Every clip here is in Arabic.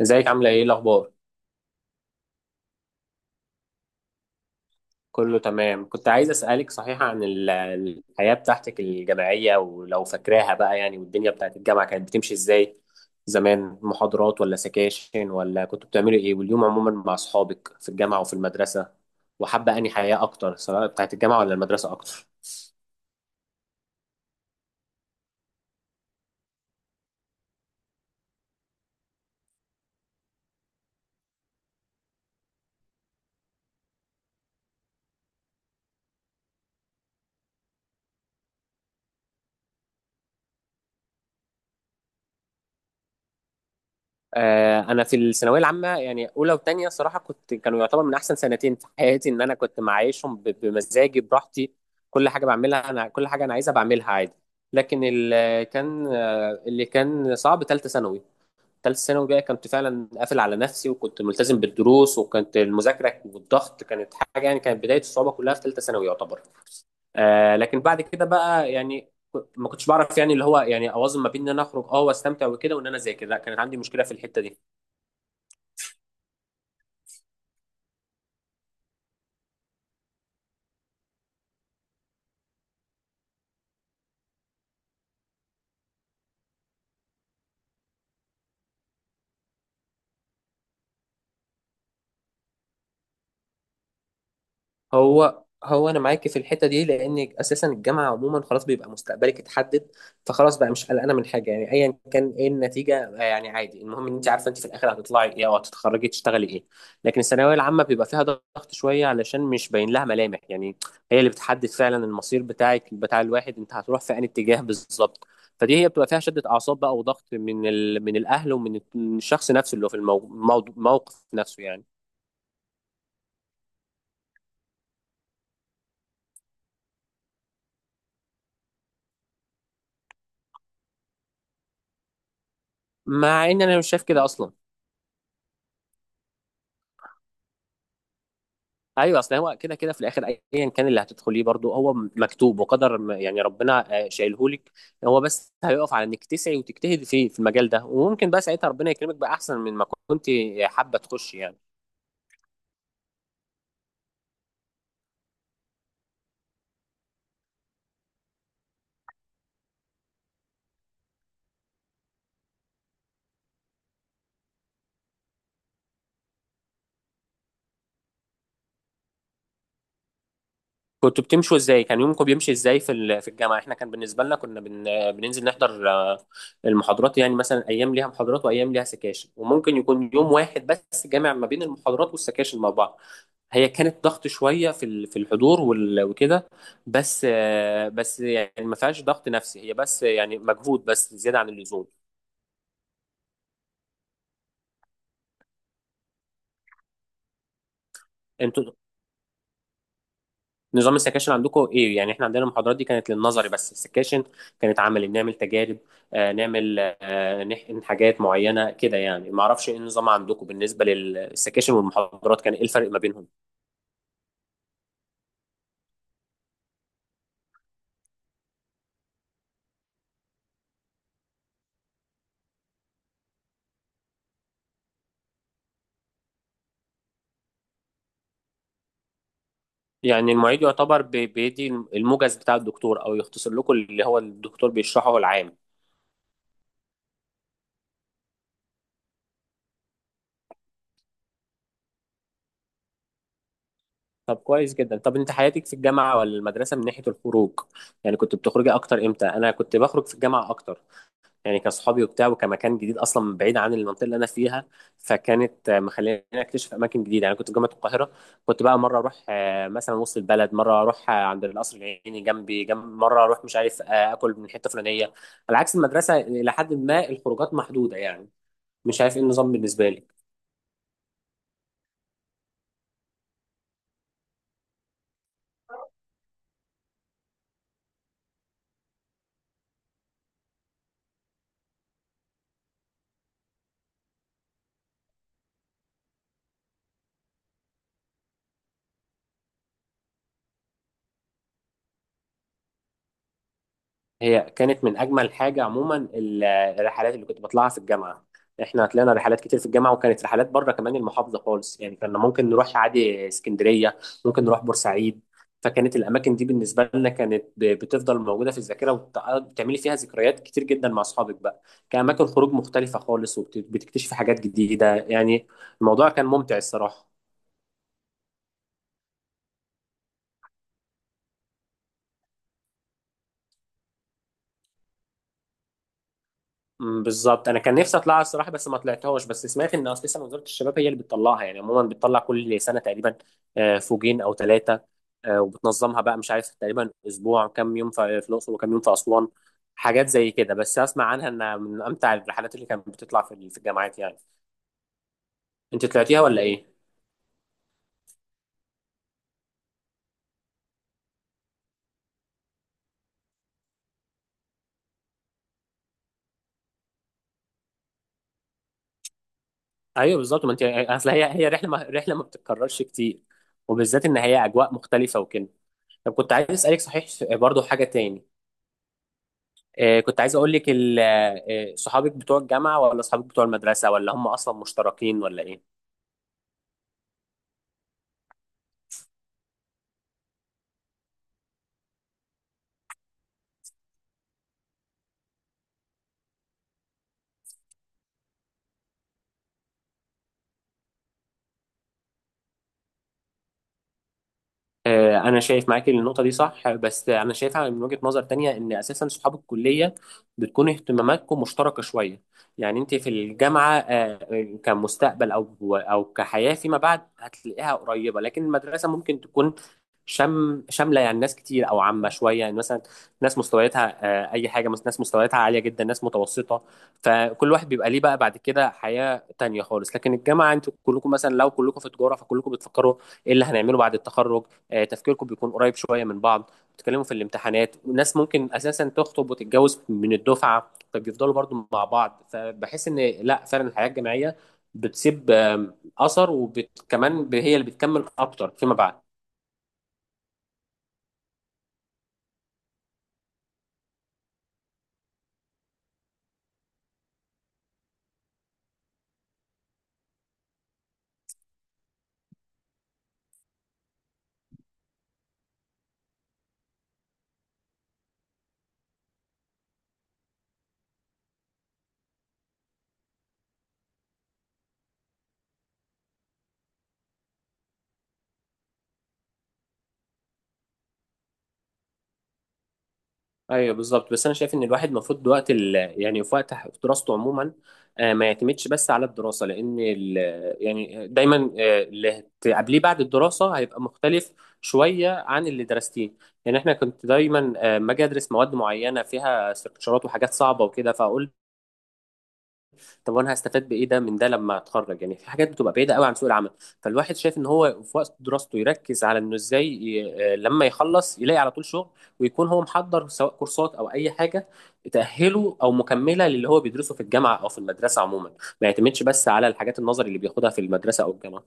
ازيك عاملة ايه الأخبار؟ كله تمام. كنت عايز أسألك صحيح عن الحياة بتاعتك الجامعية ولو فاكراها بقى يعني، والدنيا بتاعت الجامعة كانت بتمشي ازاي زمان؟ محاضرات ولا سكاشن ولا كنتوا بتعملوا ايه؟ واليوم عموما مع أصحابك في الجامعة وفي المدرسة، وحابة أنهي حياة أكتر سواء بتاعت الجامعة ولا المدرسة أكتر؟ آه، انا في الثانويه العامه يعني اولى وثانيه صراحه كانوا يعتبر من احسن سنتين في حياتي، ان انا كنت معايشهم بمزاجي براحتي. كل حاجه بعملها، انا كل حاجه انا عايزها بعملها عادي. لكن اللي كان صعب ثالثه ثانوي. ثالثه ثانوي بقى كنت فعلا قافل على نفسي وكنت ملتزم بالدروس، وكانت المذاكره والضغط كانت حاجه يعني، كانت بدايه الصعوبه كلها في ثالثه ثانوي يعتبر. لكن بعد كده بقى يعني ما كنتش بعرف يعني اللي هو يعني اوازن ما بين ان انا اخرج واستمتع وكده وان انا اذاكر. لا، كانت عندي مشكله في الحته دي. هو انا معاك في الحته دي، لان اساسا الجامعه عموما خلاص بيبقى مستقبلك اتحدد. فخلاص بقى مش قلقانه من حاجه يعني، ايا كان ايه النتيجه، يعني عادي. المهم ان انت عارفه انت في الاخر هتطلعي ايه او هتتخرجي تشتغلي ايه. لكن الثانويه العامه بيبقى فيها ضغط شويه علشان مش باين لها ملامح يعني. هي اللي بتحدد فعلا المصير بتاعك، بتاع الواحد، انت هتروح في انهي اتجاه بالظبط. فدي هي بتبقى فيها شده اعصاب بقى وضغط من من الاهل ومن الشخص نفسه اللي هو في الموقف نفسه يعني. مع ان انا مش شايف كده اصلا. ايوه، اصل هو كده كده في الاخر. ايا كان اللي هتدخليه برضو هو مكتوب وقدر، يعني ربنا شايلهولك. هو بس هيقف على انك تسعي وتجتهدي فيه في المجال ده، وممكن بقى ساعتها ربنا يكرمك باحسن من ما كنت حابه تخشي يعني. كنتوا بتمشوا ازاي؟ كان يومكم بيمشي ازاي في في الجامعه؟ احنا كان بالنسبه لنا كنا بننزل نحضر المحاضرات يعني، مثلا ايام ليها محاضرات وايام ليها سكاشن وممكن يكون يوم واحد بس جامع ما بين المحاضرات والسكاشن مع بعض. هي كانت ضغط شويه في في الحضور وكده. بس بس يعني ما فيهاش ضغط نفسي، هي بس يعني مجهود بس زياده عن اللزوم. انتوا نظام السكاشن عندكم ايه؟ يعني احنا عندنا المحاضرات دي كانت للنظري، بس السكاشن كانت عملي بنعمل تجارب، نعمل، نحقن حاجات معينه كده يعني. ما اعرفش ايه النظام عندكم بالنسبه للسكاشن والمحاضرات، كان ايه الفرق ما بينهم؟ يعني المعيد يعتبر بيدي الموجز بتاع الدكتور او يختصر لكم اللي هو الدكتور بيشرحه العام. طب كويس جدا. طب انت حياتك في الجامعه ولا المدرسه من ناحيه الخروج؟ يعني كنت بتخرجي اكتر امتى؟ انا كنت بخرج في الجامعه اكتر، يعني كاصحابي وبتاع وكمكان جديد اصلا بعيد عن المنطقه اللي انا فيها، فكانت مخليني اكتشف اماكن جديده يعني. كنت في جامعه القاهره، كنت بقى مره اروح مثلا وسط البلد، مره اروح عند القصر العيني جنب مره اروح مش عارف اكل من حته فلانيه. على عكس المدرسه الى حد ما الخروجات محدوده يعني. مش عارف ايه النظام بالنسبه لي. هي كانت من اجمل حاجه عموما الرحلات اللي كنت بطلعها في الجامعه. احنا طلعنا رحلات كتير في الجامعه، وكانت رحلات بره كمان المحافظه خالص يعني. كنا ممكن نروح عادي اسكندريه، ممكن نروح بورسعيد. فكانت الاماكن دي بالنسبه لنا كانت بتفضل موجوده في الذاكره، وبتعملي فيها ذكريات كتير جدا مع اصحابك بقى، كاماكن خروج مختلفه خالص، وبتكتشفي حاجات جديده يعني. الموضوع كان ممتع الصراحه. مم، بالظبط. انا كان نفسي اطلعها الصراحه بس ما طلعتهاش، بس سمعت ان اساسا وزاره الشباب هي اللي بتطلعها يعني، عموما بتطلع كل سنه تقريبا فوجين او ثلاثه، وبتنظمها بقى مش عارف تقريبا اسبوع، كام يوم في الاقصر وكام يوم في اسوان، حاجات زي كده. بس اسمع عنها انها من امتع الرحلات اللي كانت بتطلع في الجامعات يعني. انت طلعتيها ولا ايه؟ ايوه بالظبط. ما انت اصل هي رحله ما بتتكررش كتير، وبالذات ان هي اجواء مختلفه وكده. طب كنت عايز اسالك صحيح، برضو حاجه تاني. كنت عايز اقول لك صحابك بتوع الجامعه ولا صحابك بتوع المدرسه، ولا هم اصلا مشتركين ولا ايه؟ انا شايف معاكي النقطه دي صح. بس انا شايفها من وجهه نظر تانية، ان اساسا صحاب الكليه بتكون اهتماماتكم مشتركه شويه. يعني انت في الجامعه كمستقبل او كحياه فيما بعد هتلاقيها قريبه، لكن المدرسه ممكن تكون شامله يعني، ناس كتير او عامه شويه يعني، مثلا ناس مستوياتها اي حاجه، مثلا ناس مستوياتها عاليه جدا، ناس متوسطه. فكل واحد بيبقى ليه بقى بعد كده حياه تانية خالص. لكن الجامعه انتوا كلكم مثلا لو كلكم في تجاره، فكلكم بتفكروا ايه اللي هنعمله بعد التخرج، تفكيركم بيكون قريب شويه من بعض. بتتكلموا في الامتحانات، ناس ممكن اساسا تخطب وتتجوز من الدفعه فبيفضلوا برضو مع بعض. فبحس ان لا، فعلا الحياه الجامعيه بتسيب اثر، وكمان هي اللي بتكمل اكتر فيما بعد. ايوه بالظبط. بس انا شايف ان الواحد المفروض وقت يعني في وقت في دراسته عموما ما يعتمدش بس على الدراسه، لان يعني دايما اللي هتقابليه بعد الدراسه هيبقى مختلف شويه عن اللي درستيه. يعني احنا كنت دايما ما اجي ادرس مواد معينه فيها استكشارات وحاجات صعبه وكده، فاقول طب وانا هستفاد بايه، ده من ده، لما اتخرج؟ يعني في حاجات بتبقى بعيده قوي عن سوق العمل. فالواحد شايف ان هو في وقت دراسته يركز على انه ازاي لما يخلص يلاقي على طول شغل، ويكون هو محضر سواء كورسات او اي حاجه تاهله او مكمله للي هو بيدرسه في الجامعه او في المدرسه عموما، ما يعتمدش بس على الحاجات النظري اللي بياخدها في المدرسه او الجامعه.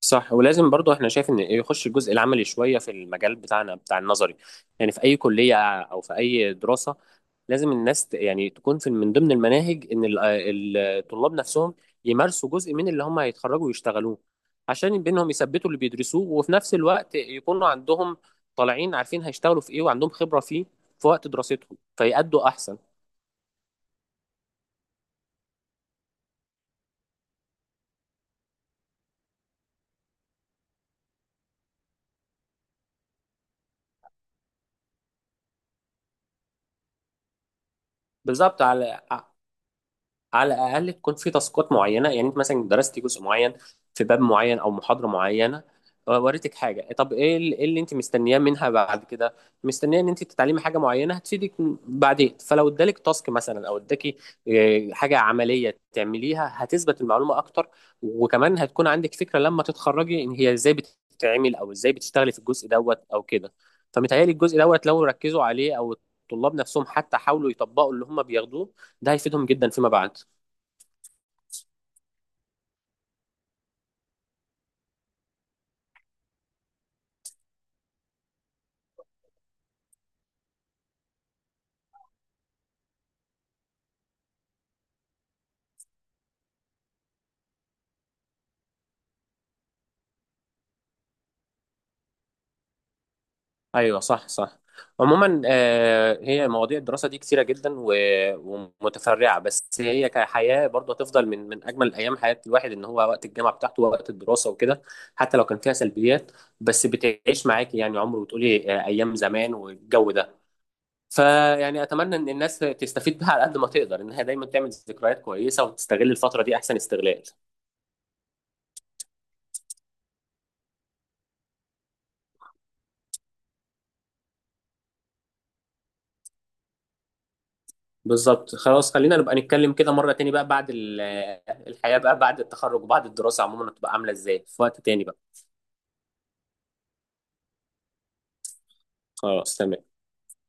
صح. ولازم برضو احنا شايف ان يخش الجزء العملي شويه في المجال بتاعنا بتاع النظري. يعني في اي كليه او في اي دراسه، لازم الناس يعني تكون في من ضمن المناهج ان الطلاب نفسهم يمارسوا جزء من اللي هم هيتخرجوا ويشتغلوه، عشان بينهم يثبتوا اللي بيدرسوه وفي نفس الوقت يكونوا عندهم، طالعين عارفين هيشتغلوا في ايه وعندهم خبره فيه في وقت دراستهم فيأدوا احسن. بالظبط. على الاقل تكون في تاسكات معينه. يعني انت مثلا درستي جزء معين في باب معين او محاضره معينه، وريتك حاجه، طب ايه إيه اللي انت مستنياه منها بعد كده، مستنيه ان انت تتعلمي حاجه معينه هتفيدك بعدين، فلو ادالك تاسك مثلا او اداكي حاجه عمليه تعمليها هتثبت المعلومه اكتر، وكمان هتكون عندك فكره لما تتخرجي ان هي ازاي بتتعمل او ازاي بتشتغلي في الجزء دوت او كده. فمتهيألي الجزء دوت لو ركزوا عليه او الطلاب نفسهم حتى حاولوا يطبقوا اللي هم بياخدوه ده هيفيدهم جدا فيما بعد. ايوه صح صح. عموما هي مواضيع الدراسه دي كتيره جدا ومتفرعه. بس هي كحياه برضه هتفضل من اجمل ايام حياه الواحد، ان هو وقت الجامعه بتاعته ووقت الدراسه وكده، حتى لو كان فيها سلبيات. بس بتعيش معاكي يعني عمر، وتقولي ايام زمان والجو ده. فيعني اتمنى ان الناس تستفيد بها على قد ما تقدر، انها دايما تعمل ذكريات كويسه وتستغل الفتره دي احسن استغلال. بالظبط. خلاص خلينا نبقى نتكلم كده مرة تاني بقى بعد الحياة بقى بعد التخرج، وبعد الدراسة عموما هتبقى عاملة ازاي في وقت تاني بقى. خلاص تمام.